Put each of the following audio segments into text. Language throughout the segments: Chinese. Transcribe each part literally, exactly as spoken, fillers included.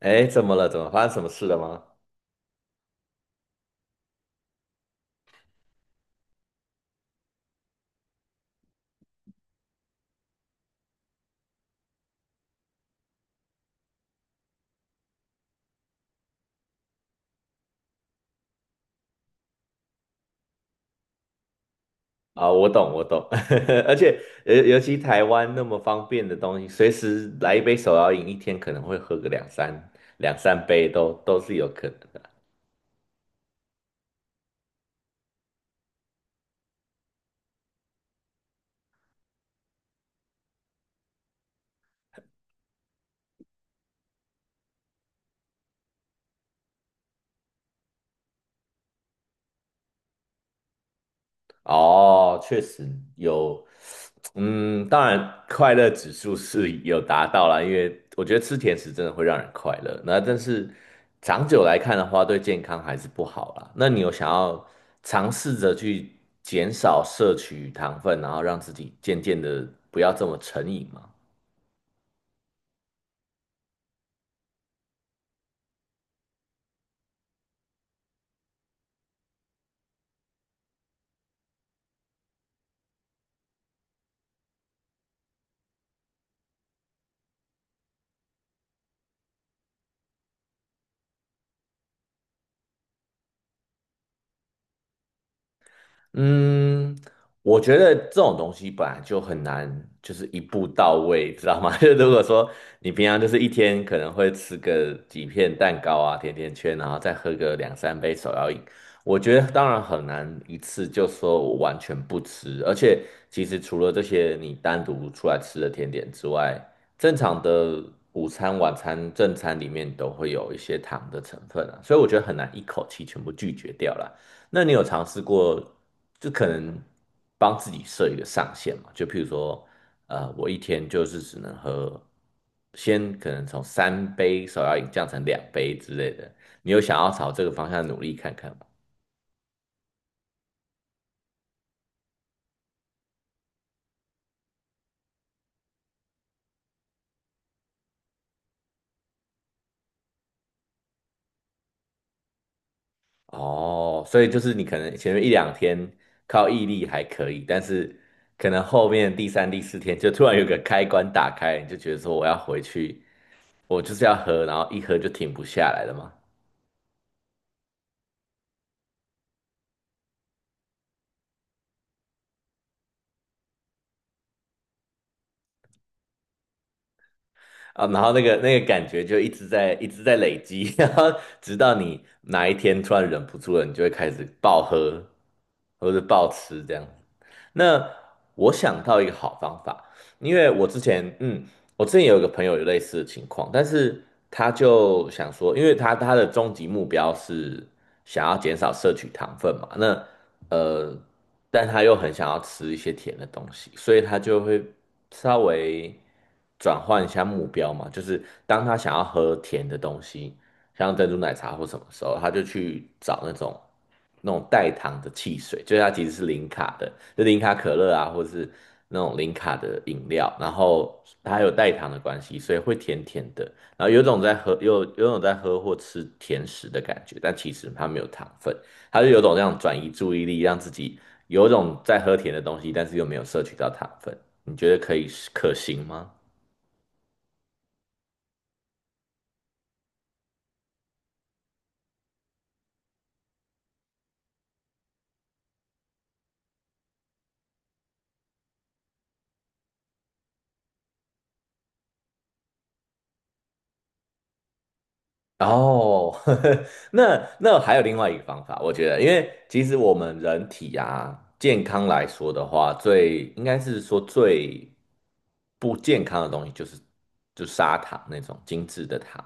哎，怎么了？怎么发生什么事了吗？啊，我懂，我懂，而且尤尤其台湾那么方便的东西，随时来一杯手摇饮，一天可能会喝个两三两三杯都都是有可能的。哦，确实有，嗯，当然快乐指数是有达到啦，因为我觉得吃甜食真的会让人快乐。那但是长久来看的话，对健康还是不好啦。那你有想要尝试着去减少摄取糖分，然后让自己渐渐的不要这么成瘾吗？嗯，我觉得这种东西本来就很难，就是一步到位，知道吗？就如果说你平常就是一天可能会吃个几片蛋糕啊、甜甜圈，然后再喝个两三杯手摇饮，我觉得当然很难一次就说我完全不吃。而且其实除了这些你单独出来吃的甜点之外，正常的午餐、晚餐、正餐里面都会有一些糖的成分啊，所以我觉得很难一口气全部拒绝掉啦。那你有尝试过，就可能帮自己设一个上限嘛？就譬如说，呃，我一天就是只能喝，先可能从三杯手要饮降成两杯之类的。你有想要朝这个方向努力看看吗？哦，所以就是你可能前面一两天靠毅力还可以，但是可能后面第三、第四天就突然有个开关打开，你就觉得说我要回去，我就是要喝，然后一喝就停不下来了吗？啊，然后那个那个感觉就一直在一直在累积，然后直到你哪一天突然忍不住了，你就会开始暴喝或者暴吃这样。那我想到一个好方法，因为我之前嗯我之前有一个朋友有类似的情况，但是他就想说，因为他他的终极目标是想要减少摄取糖分嘛，那呃，但他又很想要吃一些甜的东西，所以他就会稍微转换一下目标嘛，就是当他想要喝甜的东西，像珍珠奶茶或什么时候，他就去找那种那种代糖的汽水，就是它其实是零卡的，就零卡可乐啊，或是那种零卡的饮料，然后它有代糖的关系，所以会甜甜的，然后有种在喝，有有种在喝或吃甜食的感觉，但其实它没有糖分，它是有种这样转移注意力，让自己有种在喝甜的东西，但是又没有摄取到糖分，你觉得可以可行吗？哦，呵呵，那那还有另外一个方法，我觉得，因为其实我们人体啊，健康来说的话，最应该是说最不健康的东西就是就砂糖那种精致的糖。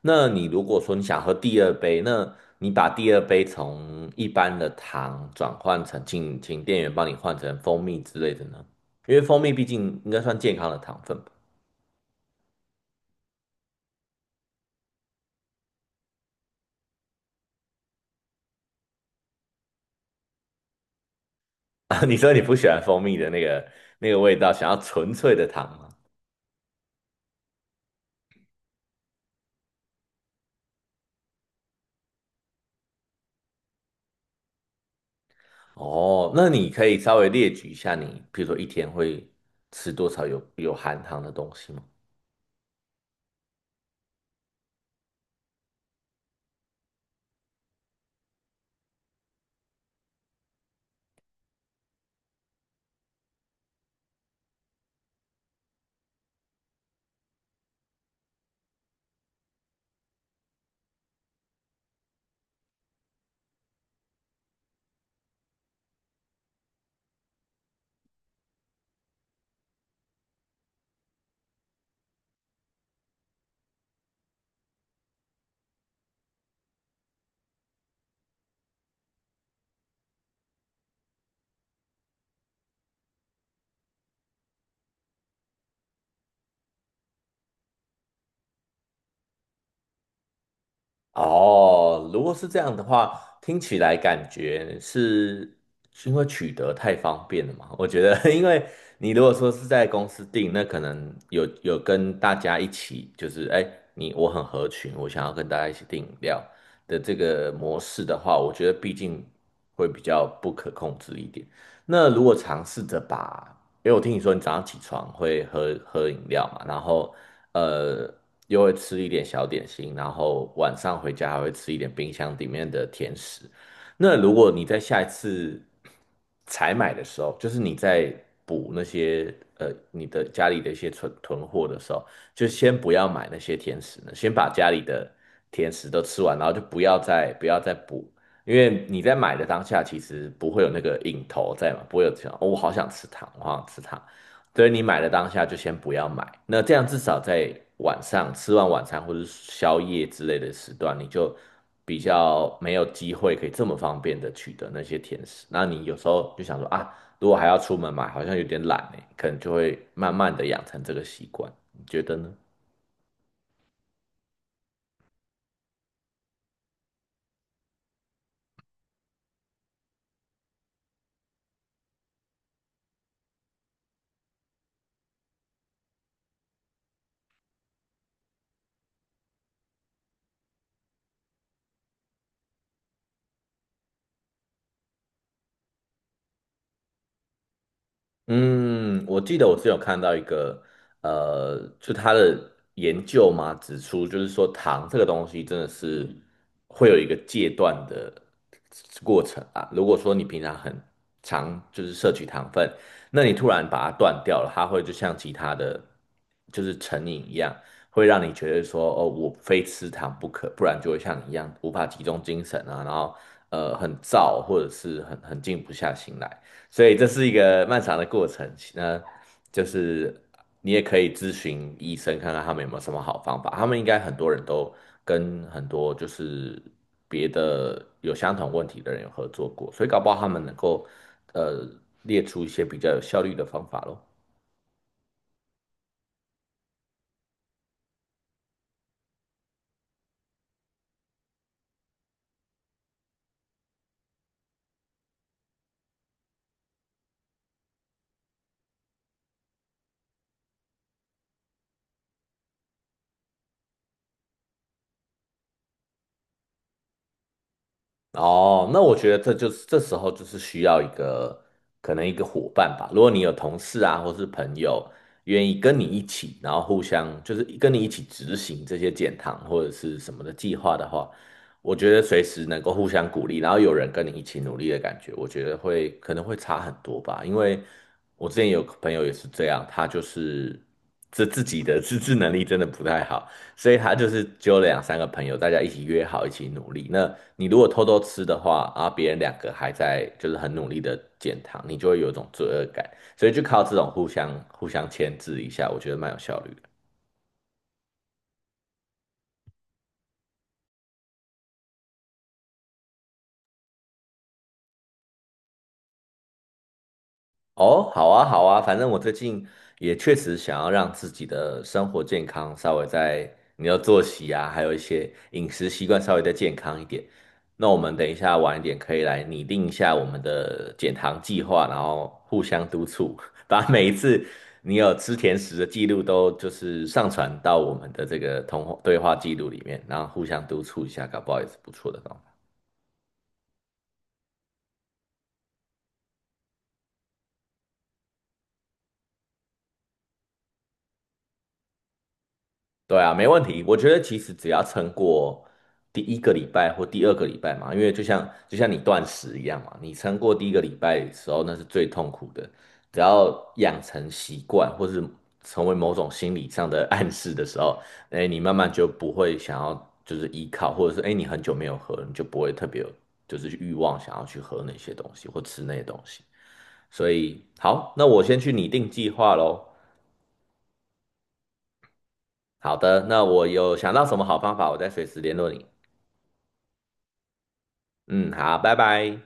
那你如果说你想喝第二杯，那你把第二杯从一般的糖转换成，请请店员帮你换成蜂蜜之类的呢？因为蜂蜜毕竟应该算健康的糖分吧。啊，你说你不喜欢蜂蜜的那个那个味道，想要纯粹的糖吗？哦，那你可以稍微列举一下你，比如说一天会吃多少有有含糖的东西吗？哦，如果是这样的话，听起来感觉是是因为取得太方便了嘛？我觉得，因为你如果说是在公司订，那可能有有跟大家一起，就是哎，你我很合群，我想要跟大家一起订饮料的这个模式的话，我觉得毕竟会比较不可控制一点。那如果尝试着把因为我听你说你早上起床会喝喝饮料嘛，然后呃又会吃一点小点心，然后晚上回家还会吃一点冰箱里面的甜食。那如果你在下一次采买的时候，就是你在补那些呃你的家里的一些存囤货的时候，就先不要买那些甜食呢，先把家里的甜食都吃完，然后就不要再不要再补因为你在买的当下，其实不会有那个瘾头在嘛，不会有这样，哦，我好想吃糖，我好想吃糖。所以你买的当下就先不要买，那这样至少在晚上吃完晚餐或者宵夜之类的时段，你就比较没有机会可以这么方便的取得那些甜食。那你有时候就想说啊，如果还要出门买，好像有点懒欸，可能就会慢慢的养成这个习惯，你觉得呢？嗯，我记得我是有看到一个，呃，就他的研究嘛，指出就是说糖这个东西真的是会有一个戒断的过程啊。如果说你平常很常就是摄取糖分，那你突然把它断掉了，它会就像其他的就是成瘾一样，会让你觉得说哦，我非吃糖不可，不然就会像你一样无法集中精神啊，然后呃很燥或者是很很静不下心来。所以这是一个漫长的过程。那就是你也可以咨询医生，看看他们有没有什么好方法。他们应该很多人都跟很多就是别的有相同问题的人有合作过，所以搞不好他们能够呃列出一些比较有效率的方法咯。哦，那我觉得这就是这时候就是需要一个可能一个伙伴吧。如果你有同事啊，或是朋友愿意跟你一起，然后互相就是跟你一起执行这些减糖或者是什么的计划的话，我觉得随时能够互相鼓励，然后有人跟你一起努力的感觉，我觉得会可能会差很多吧。因为我之前有个朋友也是这样，他就是这自己的自制能力真的不太好。所以他就是揪了两三个朋友，大家一起约好一起努力。那你如果偷偷吃的话，啊，别人两个还在就是很努力的减糖，你就会有一种罪恶感。所以就靠这种互相互相牵制一下，我觉得蛮有效率的。哦，好啊，好啊，反正我最近也确实想要让自己的生活健康稍微在你的作息啊，还有一些饮食习惯稍微再健康一点。那我们等一下晚一点可以来拟定一下我们的减糖计划，然后互相督促，把每一次你有吃甜食的记录都就是上传到我们的这个通话对话记录里面，然后互相督促一下，搞不好也是不错的哦。对啊，没问题。我觉得其实只要撑过第一个礼拜或第二个礼拜嘛，因为就像就像你断食一样嘛，你撑过第一个礼拜的时候，那是最痛苦的。只要养成习惯，或是成为某种心理上的暗示的时候，哎，你慢慢就不会想要就是依靠，或者是哎你很久没有喝了你就不会特别有就是欲望想要去喝那些东西或吃那些东西。所以好，那我先去拟定计划喽。好的，那我有想到什么好方法，我再随时联络你。嗯，好，拜拜。